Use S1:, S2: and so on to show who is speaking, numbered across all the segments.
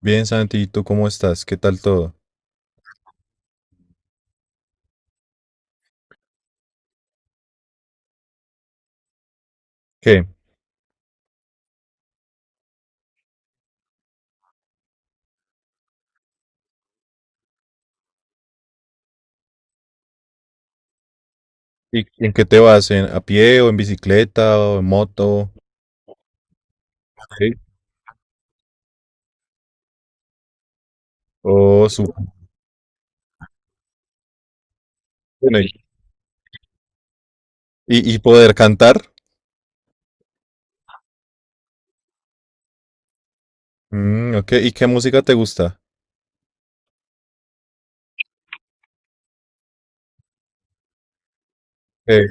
S1: Bien, Santi, ¿y tú cómo estás? ¿Qué tal todo? ¿Qué? ¿Y en qué te vas? ¿En, a pie o en bicicleta o en moto? Ok. Oh, su- bueno, ¿ poder cantar? Mm, ok. ¿Y qué música te gusta? Eh,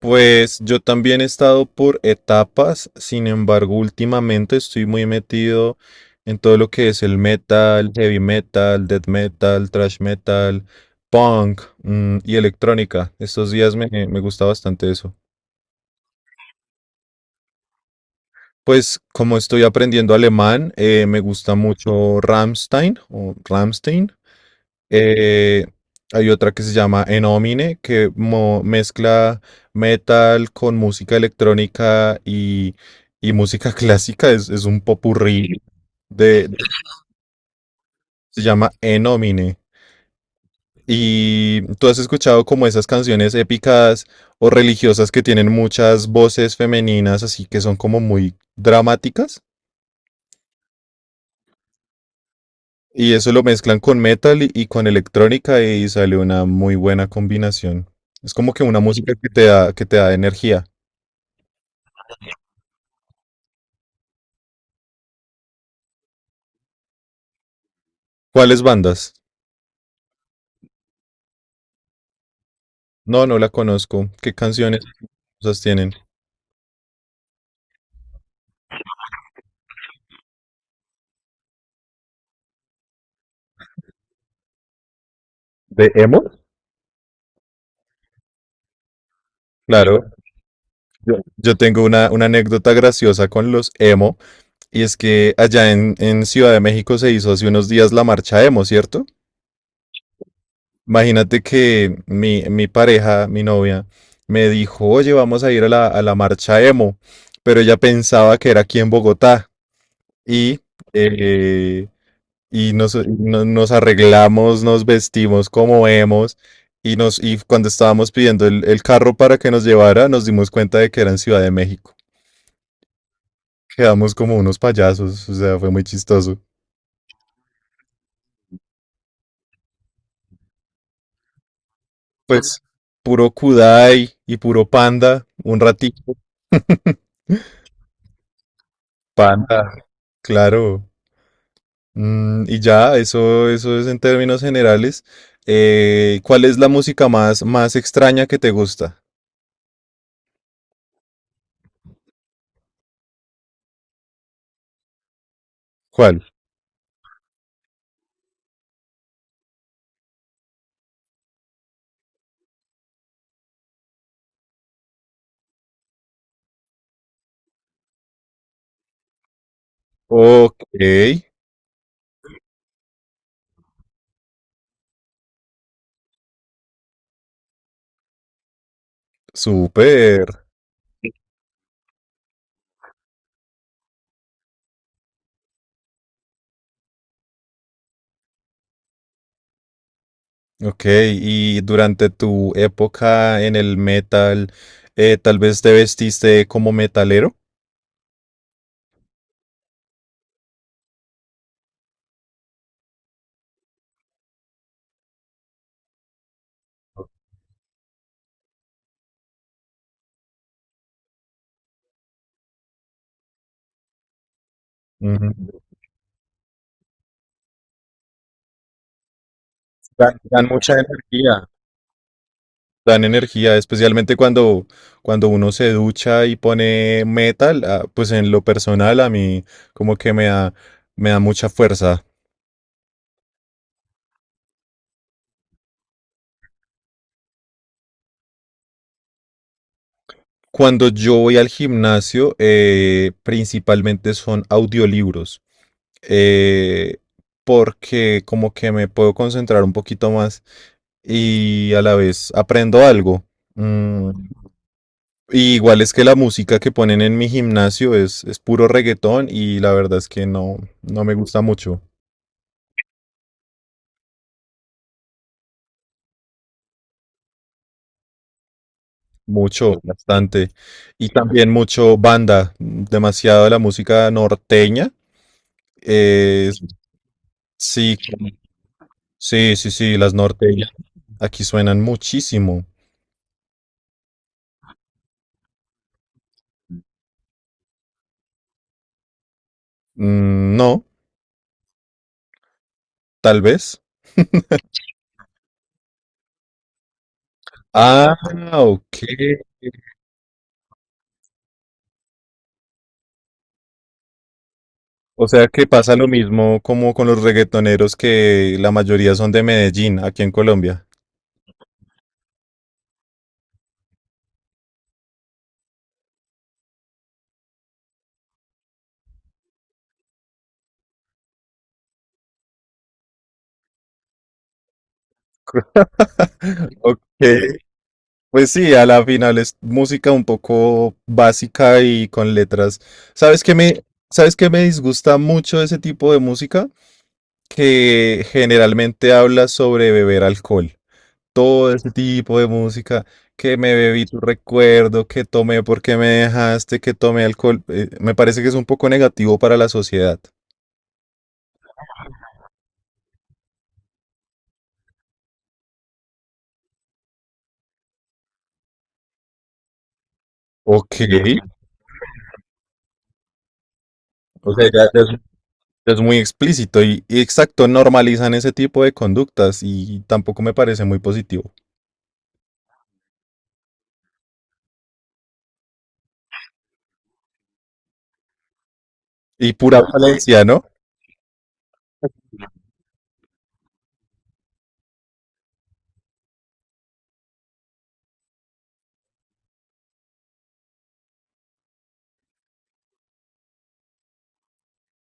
S1: Pues yo también he estado por etapas, sin embargo, últimamente estoy muy metido en todo lo que es el metal, heavy metal, death metal, thrash metal, punk, y electrónica. Estos días me gusta bastante eso. Pues como estoy aprendiendo alemán, me gusta mucho Rammstein o Rammstein. Eh, hay otra que se llama Enomine que mezcla metal con música electrónica y música clásica. Es un popurrí de, de- se llama Enomine. ¿Y tú has escuchado como esas canciones épicas o religiosas que tienen muchas voces femeninas, así que son como muy dramáticas? Y eso lo mezclan con metal y con electrónica y sale una muy buena combinación. Es como que una música que te da energía. ¿Cuáles bandas? No, no la conozco. ¿Qué canciones famosas tienen? ¿De emo? Claro. Yo tengo una anécdota graciosa con los emo, y es que allá en Ciudad de México se hizo hace unos días la marcha emo, ¿cierto? Imagínate que mi pareja, mi novia, me dijo, oye, vamos a ir a a la marcha emo, pero ella pensaba que era aquí en Bogotá y, eh, y nos, no- nos arreglamos, nos vestimos como emos y, nos, y cuando estábamos pidiendo el carro para que nos llevara, nos dimos cuenta de que era en Ciudad de México. Quedamos como unos payasos, o sea, fue muy chistoso. Pues puro Kudai y puro Panda, un ratito, pa, claro. Mm, y ya, eso es en términos generales. ¿Cuál es la música más extraña que te gusta? ¿Cuál? Ok, súper. Ok, y durante tu época en el metal, tal vez te vestiste como metalero. Ujú. Dan mucha energía. Dan energía, especialmente cuando, cuando uno se ducha y pone metal, ah, pues en lo personal a mí como que me da mucha fuerza. Cuando yo voy al gimnasio, principalmente son audiolibros, eh, porque como que me puedo concentrar un poquito más y a la vez aprendo algo. Mm, y igual es que la música que ponen en mi gimnasio es puro reggaetón y la verdad es que no, no me gusta mucho, mucho, bastante. Y también mucho banda, demasiado la música norteña. eh, sí, sí, las norteñas. Aquí suenan muchísimo. Mm, no, tal vez. Ah, ok. O sea que pasa lo mismo como con los reggaetoneros que la mayoría son de Medellín, aquí en Colombia. Ok, pues sí, a la final es música un poco básica y con letras. ¿Sabes qué me, ¿sabes qué me disgusta mucho de ese tipo de música? Que generalmente habla sobre beber alcohol. Todo ese tipo de música, que me bebí tu recuerdo, que tomé porque me dejaste, que tomé alcohol, me parece que es un poco negativo para la sociedad. Ok, o sea, ya es muy explícito y exacto, normalizan ese tipo de conductas y tampoco me parece muy positivo. Y pura violencia, ¿no?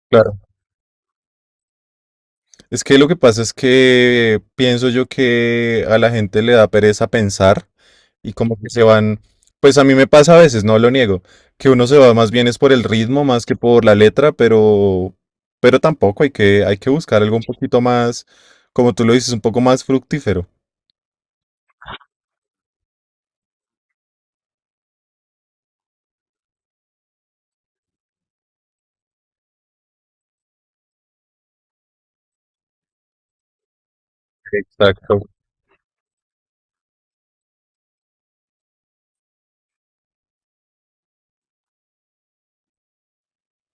S1: Claro. Es que lo que pasa es que pienso yo que a la gente le da pereza pensar y como que se van, pues a mí me pasa a veces, no lo niego, que uno se va más bien es por el ritmo más que por la letra, pero tampoco hay que buscar algo un poquito más, como tú lo dices, un poco más fructífero. Exacto.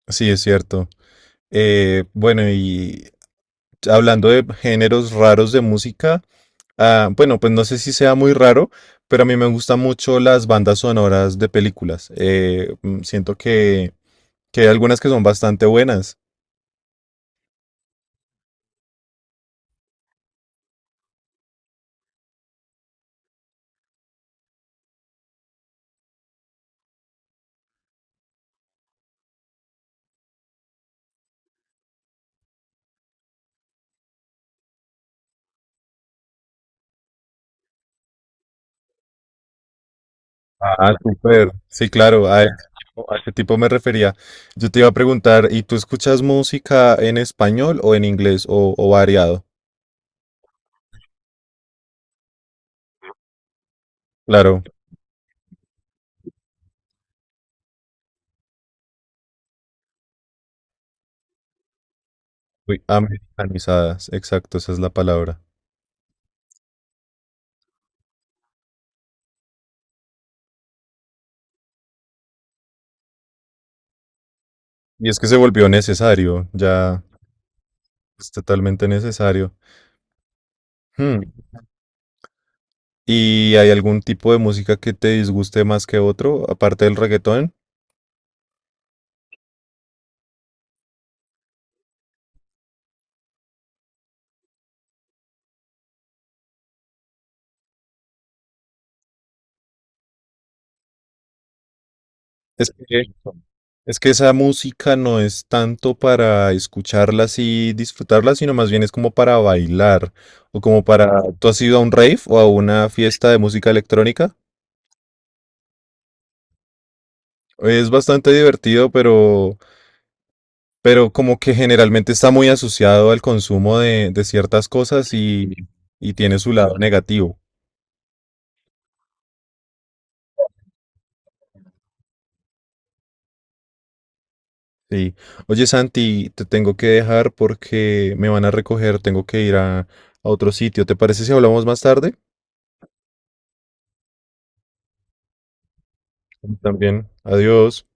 S1: Sí, es cierto. Bueno, y hablando de géneros raros de música, ah, bueno, pues no sé si sea muy raro, pero a mí me gustan mucho las bandas sonoras de películas. Siento que hay algunas que son bastante buenas. Ah, súper. Sí, claro, a ese tipo me refería. Yo te iba a preguntar, ¿y tú escuchas música en español o en inglés o variado? Claro, uy, americanizadas, exacto, esa es la palabra. Y es que se volvió necesario, ya es totalmente necesario. Hmm. ¿Y hay algún tipo de música que te disguste más que otro, aparte del reggaetón? Es que, es que esa música no es tanto para escucharla y disfrutarla, sino más bien es como para bailar o como para... ¿Tú has ido a un rave o a una fiesta de música electrónica? Es bastante divertido, pero como que generalmente está muy asociado al consumo de ciertas cosas y tiene su lado negativo. Sí. Oye, Santi, te tengo que dejar porque me van a recoger, tengo que ir a otro sitio. ¿Te parece si hablamos más tarde? También. Adiós.